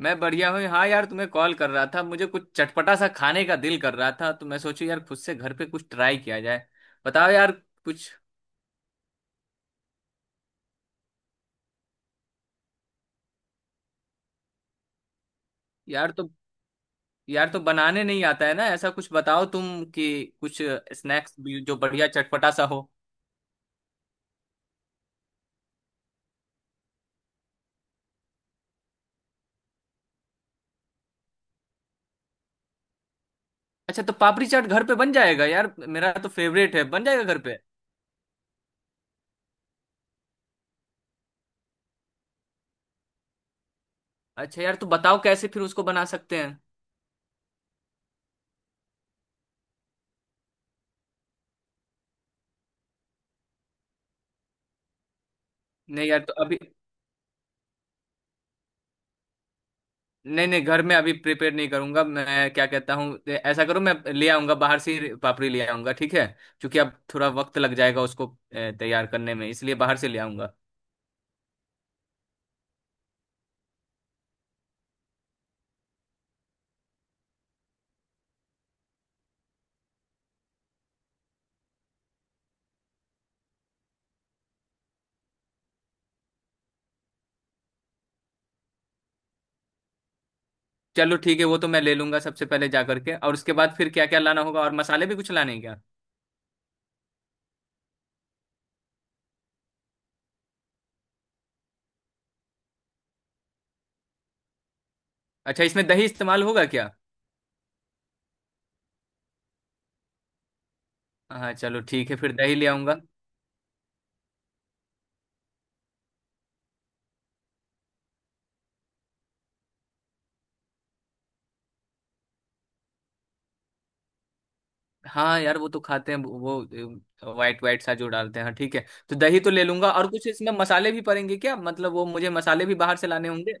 मैं बढ़िया हूँ। हाँ यार, तुम्हें कॉल कर रहा था। मुझे कुछ चटपटा सा खाने का दिल कर रहा था, तो मैं सोचू यार खुद से घर पे कुछ ट्राई किया जाए। बताओ यार, कुछ। यार तो यार तो बनाने नहीं आता है ना। ऐसा कुछ बताओ तुम कि कुछ स्नैक्स भी जो बढ़िया चटपटा सा हो। अच्छा, तो पापड़ी चाट घर पे बन जाएगा यार, मेरा तो फेवरेट है, बन जाएगा घर पे। अच्छा यार, तो बताओ कैसे फिर उसको बना सकते हैं। नहीं यार, तो अभी नहीं, नहीं, घर में अभी प्रिपेयर नहीं करूंगा। मैं क्या कहता हूँ, ऐसा करो, मैं ले आऊंगा बाहर से ही, पापड़ी ले आऊंगा, ठीक है। क्योंकि अब थोड़ा वक्त लग जाएगा उसको तैयार करने में, इसलिए बाहर से ले आऊंगा। चलो ठीक है, वो तो मैं ले लूंगा सबसे पहले जा करके। और उसके बाद फिर क्या क्या लाना होगा? और मसाले भी कुछ लाने हैं क्या? अच्छा, इसमें दही इस्तेमाल होगा क्या? हाँ चलो ठीक है, फिर दही ले आऊंगा। हाँ यार, वो तो खाते हैं वो वाइट वाइट सा जो डालते हैं। हाँ ठीक है, तो दही तो ले लूंगा। और कुछ इसमें मसाले भी पड़ेंगे क्या? मतलब वो मुझे मसाले भी बाहर से लाने होंगे।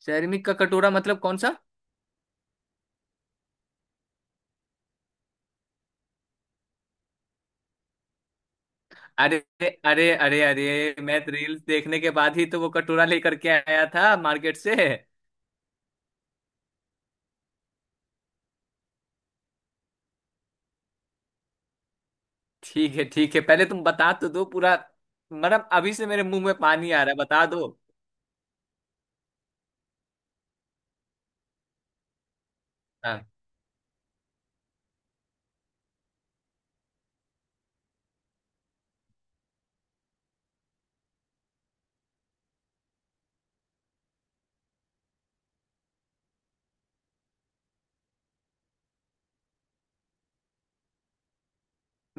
सेरेमिक का कटोरा मतलब कौन सा? अरे अरे अरे अरे, मैं रील्स देखने के बाद ही तो वो कटोरा लेकर के आया था मार्केट से। ठीक है ठीक है, पहले तुम बता तो दो पूरा। मतलब अभी से मेरे मुंह में पानी आ रहा है, बता दो। हाँ,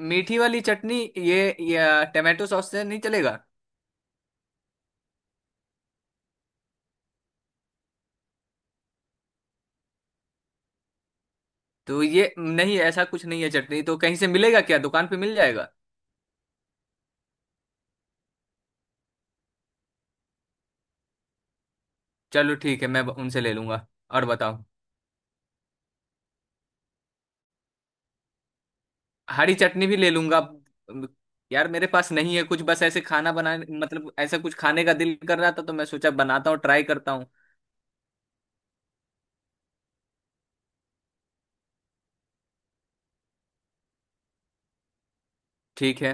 मीठी वाली चटनी ये टमाटो सॉस से नहीं चलेगा? तो ये नहीं, ऐसा कुछ नहीं है? चटनी तो कहीं से मिलेगा क्या, दुकान पे मिल जाएगा? चलो ठीक है, मैं उनसे ले लूंगा। और बताओ। हरी चटनी भी ले लूंगा। अम, यार मेरे पास नहीं है कुछ, बस ऐसे खाना बनाने मतलब ऐसा कुछ खाने का दिल कर रहा था, तो मैं सोचा बनाता हूँ, ट्राई करता हूँ। ठीक है।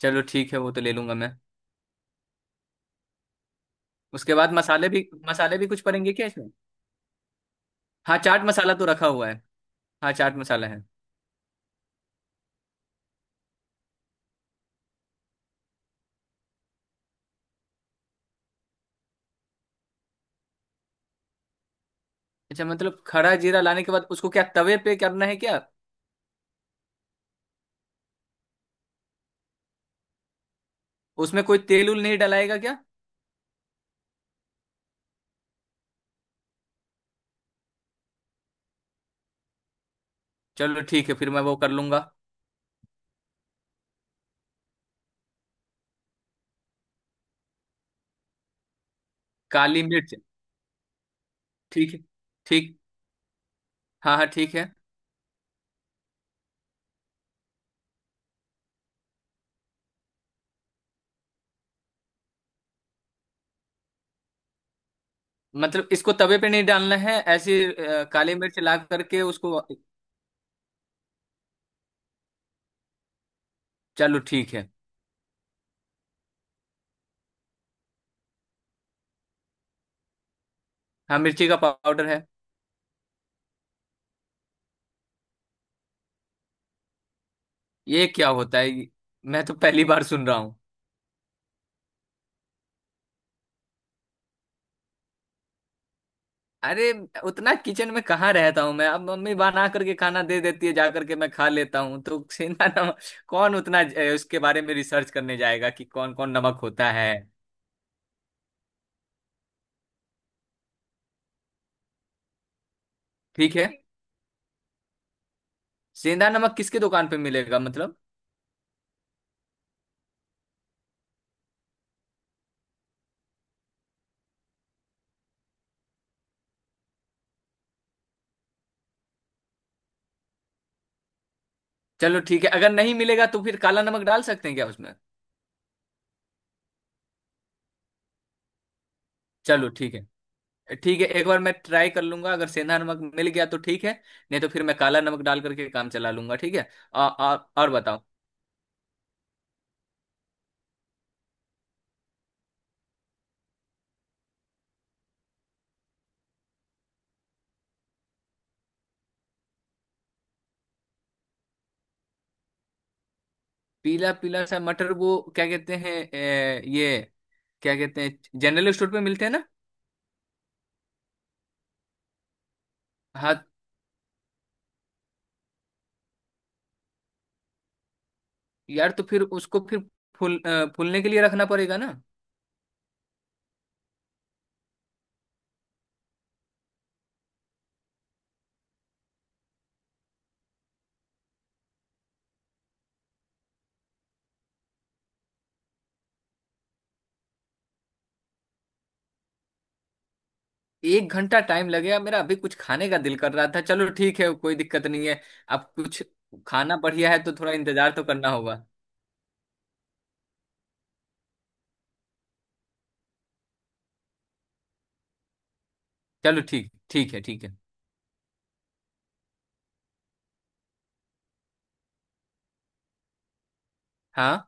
चलो ठीक है, वो तो ले लूंगा मैं। उसके बाद मसाले भी कुछ पड़ेंगे क्या इसमें? हाँ, चाट मसाला तो रखा हुआ है। हाँ, चाट मसाला है। अच्छा, मतलब खड़ा जीरा लाने के बाद उसको क्या तवे पे करना है क्या? उसमें कोई तेल उल नहीं डलाएगा क्या? चलो ठीक है, फिर मैं वो कर लूंगा। काली मिर्च। ठीक है। ठीक। हाँ हाँ, ठीक है। मतलब इसको तवे पे नहीं डालना है, ऐसी काली मिर्च ला करके उसको। चलो ठीक है। हाँ, मिर्ची का पाउडर है। ये क्या होता है मैं तो पहली बार सुन रहा हूँ। अरे, उतना किचन में कहाँ रहता हूँ मैं। अब मम्मी बना करके खाना दे देती है, जा करके मैं खा लेता हूँ, तो सेंधा नमक। कौन उतना उसके बारे में रिसर्च करने जाएगा कि कौन कौन नमक होता है। ठीक है, सेंधा नमक किसके दुकान पे मिलेगा मतलब? चलो ठीक है, अगर नहीं मिलेगा तो फिर काला नमक डाल सकते हैं क्या उसमें? चलो ठीक है। ठीक है, एक बार मैं ट्राई कर लूंगा, अगर सेंधा नमक मिल गया तो ठीक है। नहीं तो फिर मैं काला नमक डाल करके काम चला लूंगा, ठीक है। आ, आ, और बताओ। पीला पीला सा मटर वो क्या कहते हैं, ये क्या कहते हैं, जनरल स्टोर पे मिलते हैं ना? हाँ यार, तो फिर उसको फिर फूलने के लिए रखना पड़ेगा ना? एक घंटा टाइम लगेगा? मेरा अभी कुछ खाने का दिल कर रहा था। चलो ठीक है, कोई दिक्कत नहीं है। अब कुछ खाना बढ़िया है तो थोड़ा इंतजार तो करना होगा। चलो ठीक, ठीक है, ठीक है। हाँ।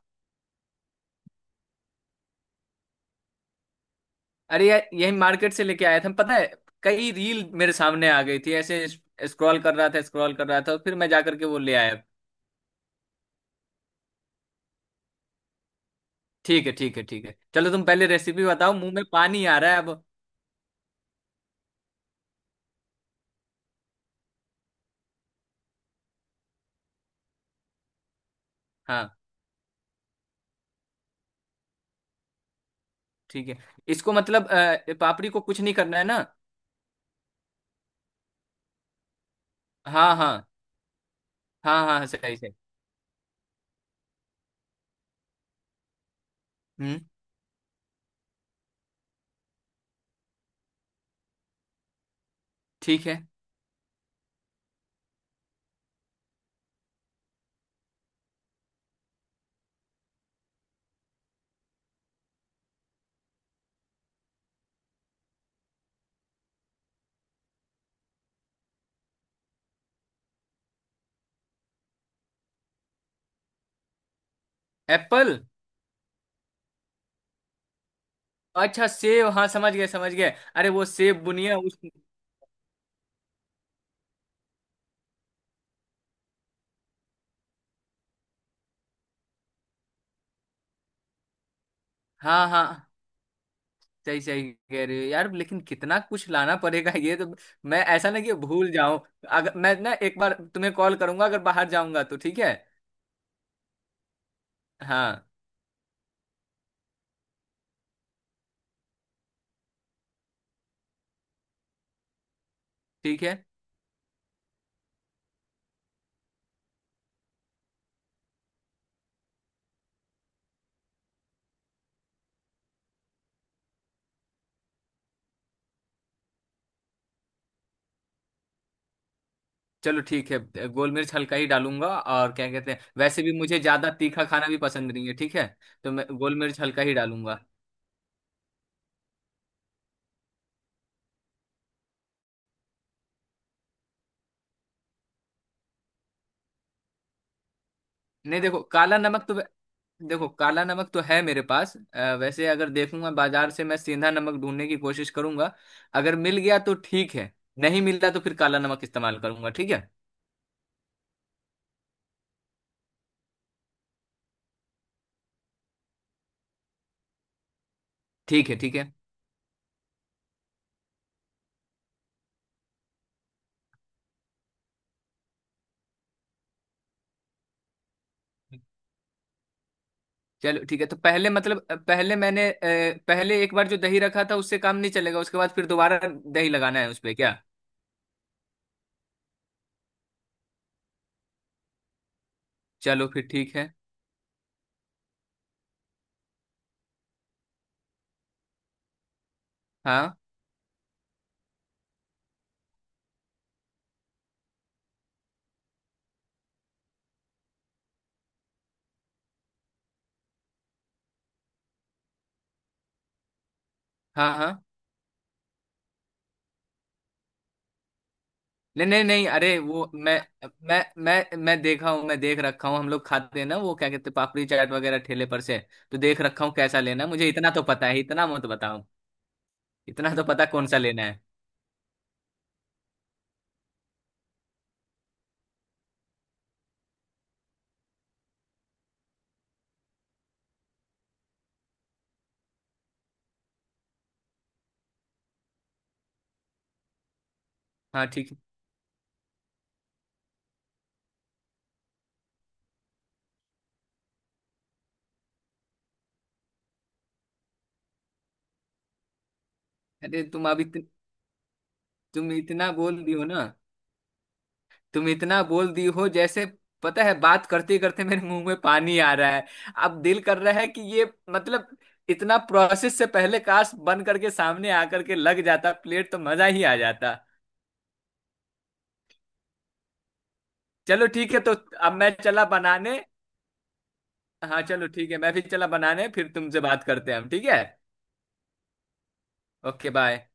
अरे यार, यही मार्केट से लेके आया था, पता है। कई रील मेरे सामने आ गई थी ऐसे। स्क्रॉल कर रहा था, स्क्रॉल कर रहा था, और फिर मैं जा करके वो ले आया। ठीक है ठीक है ठीक है। चलो, तुम पहले रेसिपी बताओ, मुंह में पानी आ रहा है अब। हाँ ठीक है। इसको मतलब पापड़ी को कुछ नहीं करना है ना? हाँ हाँ हाँ हाँ हाँ, सही सही। हम्म, ठीक है। एप्पल। अच्छा, सेब, हाँ समझ गए समझ गए। अरे वो सेब बुनिया उस। हाँ हाँ, सही सही कह रहे हो यार, लेकिन कितना कुछ लाना पड़ेगा ये तो। मैं ऐसा ना कि भूल जाऊं। अगर मैं ना एक बार तुम्हें कॉल करूंगा अगर बाहर जाऊंगा तो ठीक है। हाँ। ठीक है। चलो ठीक है, गोल मिर्च हल्का ही डालूंगा। और क्या कहते हैं, वैसे भी मुझे ज्यादा तीखा खाना भी पसंद नहीं है, ठीक है। तो मैं गोल मिर्च हल्का ही डालूंगा। नहीं, देखो काला नमक तो है मेरे पास, वैसे अगर देखूंगा बाजार से, मैं सीधा नमक ढूंढने की कोशिश करूंगा। अगर मिल गया तो ठीक है। नहीं मिला तो फिर काला नमक इस्तेमाल करूंगा, ठीक है। ठीक है ठीक है चलो ठीक है। तो पहले मतलब अ, पहले मैंने अ, पहले एक बार जो दही रखा था उससे काम नहीं चलेगा? उसके बाद फिर दोबारा दही लगाना है उस पे क्या? चलो फिर ठीक है। हाँ हाँ हाँ। नहीं नहीं नहीं, अरे वो मैं देखा हूँ, मैं देख रखा हूँ। हम लोग खाते हैं ना वो क्या कहते हैं, पापड़ी चाट वगैरह ठेले पर से। तो देख रखा हूँ कैसा लेना है, मुझे इतना तो पता है, इतना मत बताओ। इतना तो पता कौन सा लेना है। हाँ ठीक है। अरे तुम अभी, तुम इतना बोल दी हो ना, तुम इतना बोल दी हो जैसे। पता है, बात करते करते मेरे मुंह में पानी आ रहा है। अब दिल कर रहा है कि ये, मतलब इतना प्रोसेस से पहले काश बन करके सामने आकर के लग जाता प्लेट, तो मजा ही आ जाता। चलो ठीक है, तो अब मैं चला बनाने। हाँ चलो ठीक है, मैं भी चला बनाने। फिर तुमसे बात करते हैं हम, ठीक है। Okay, bye.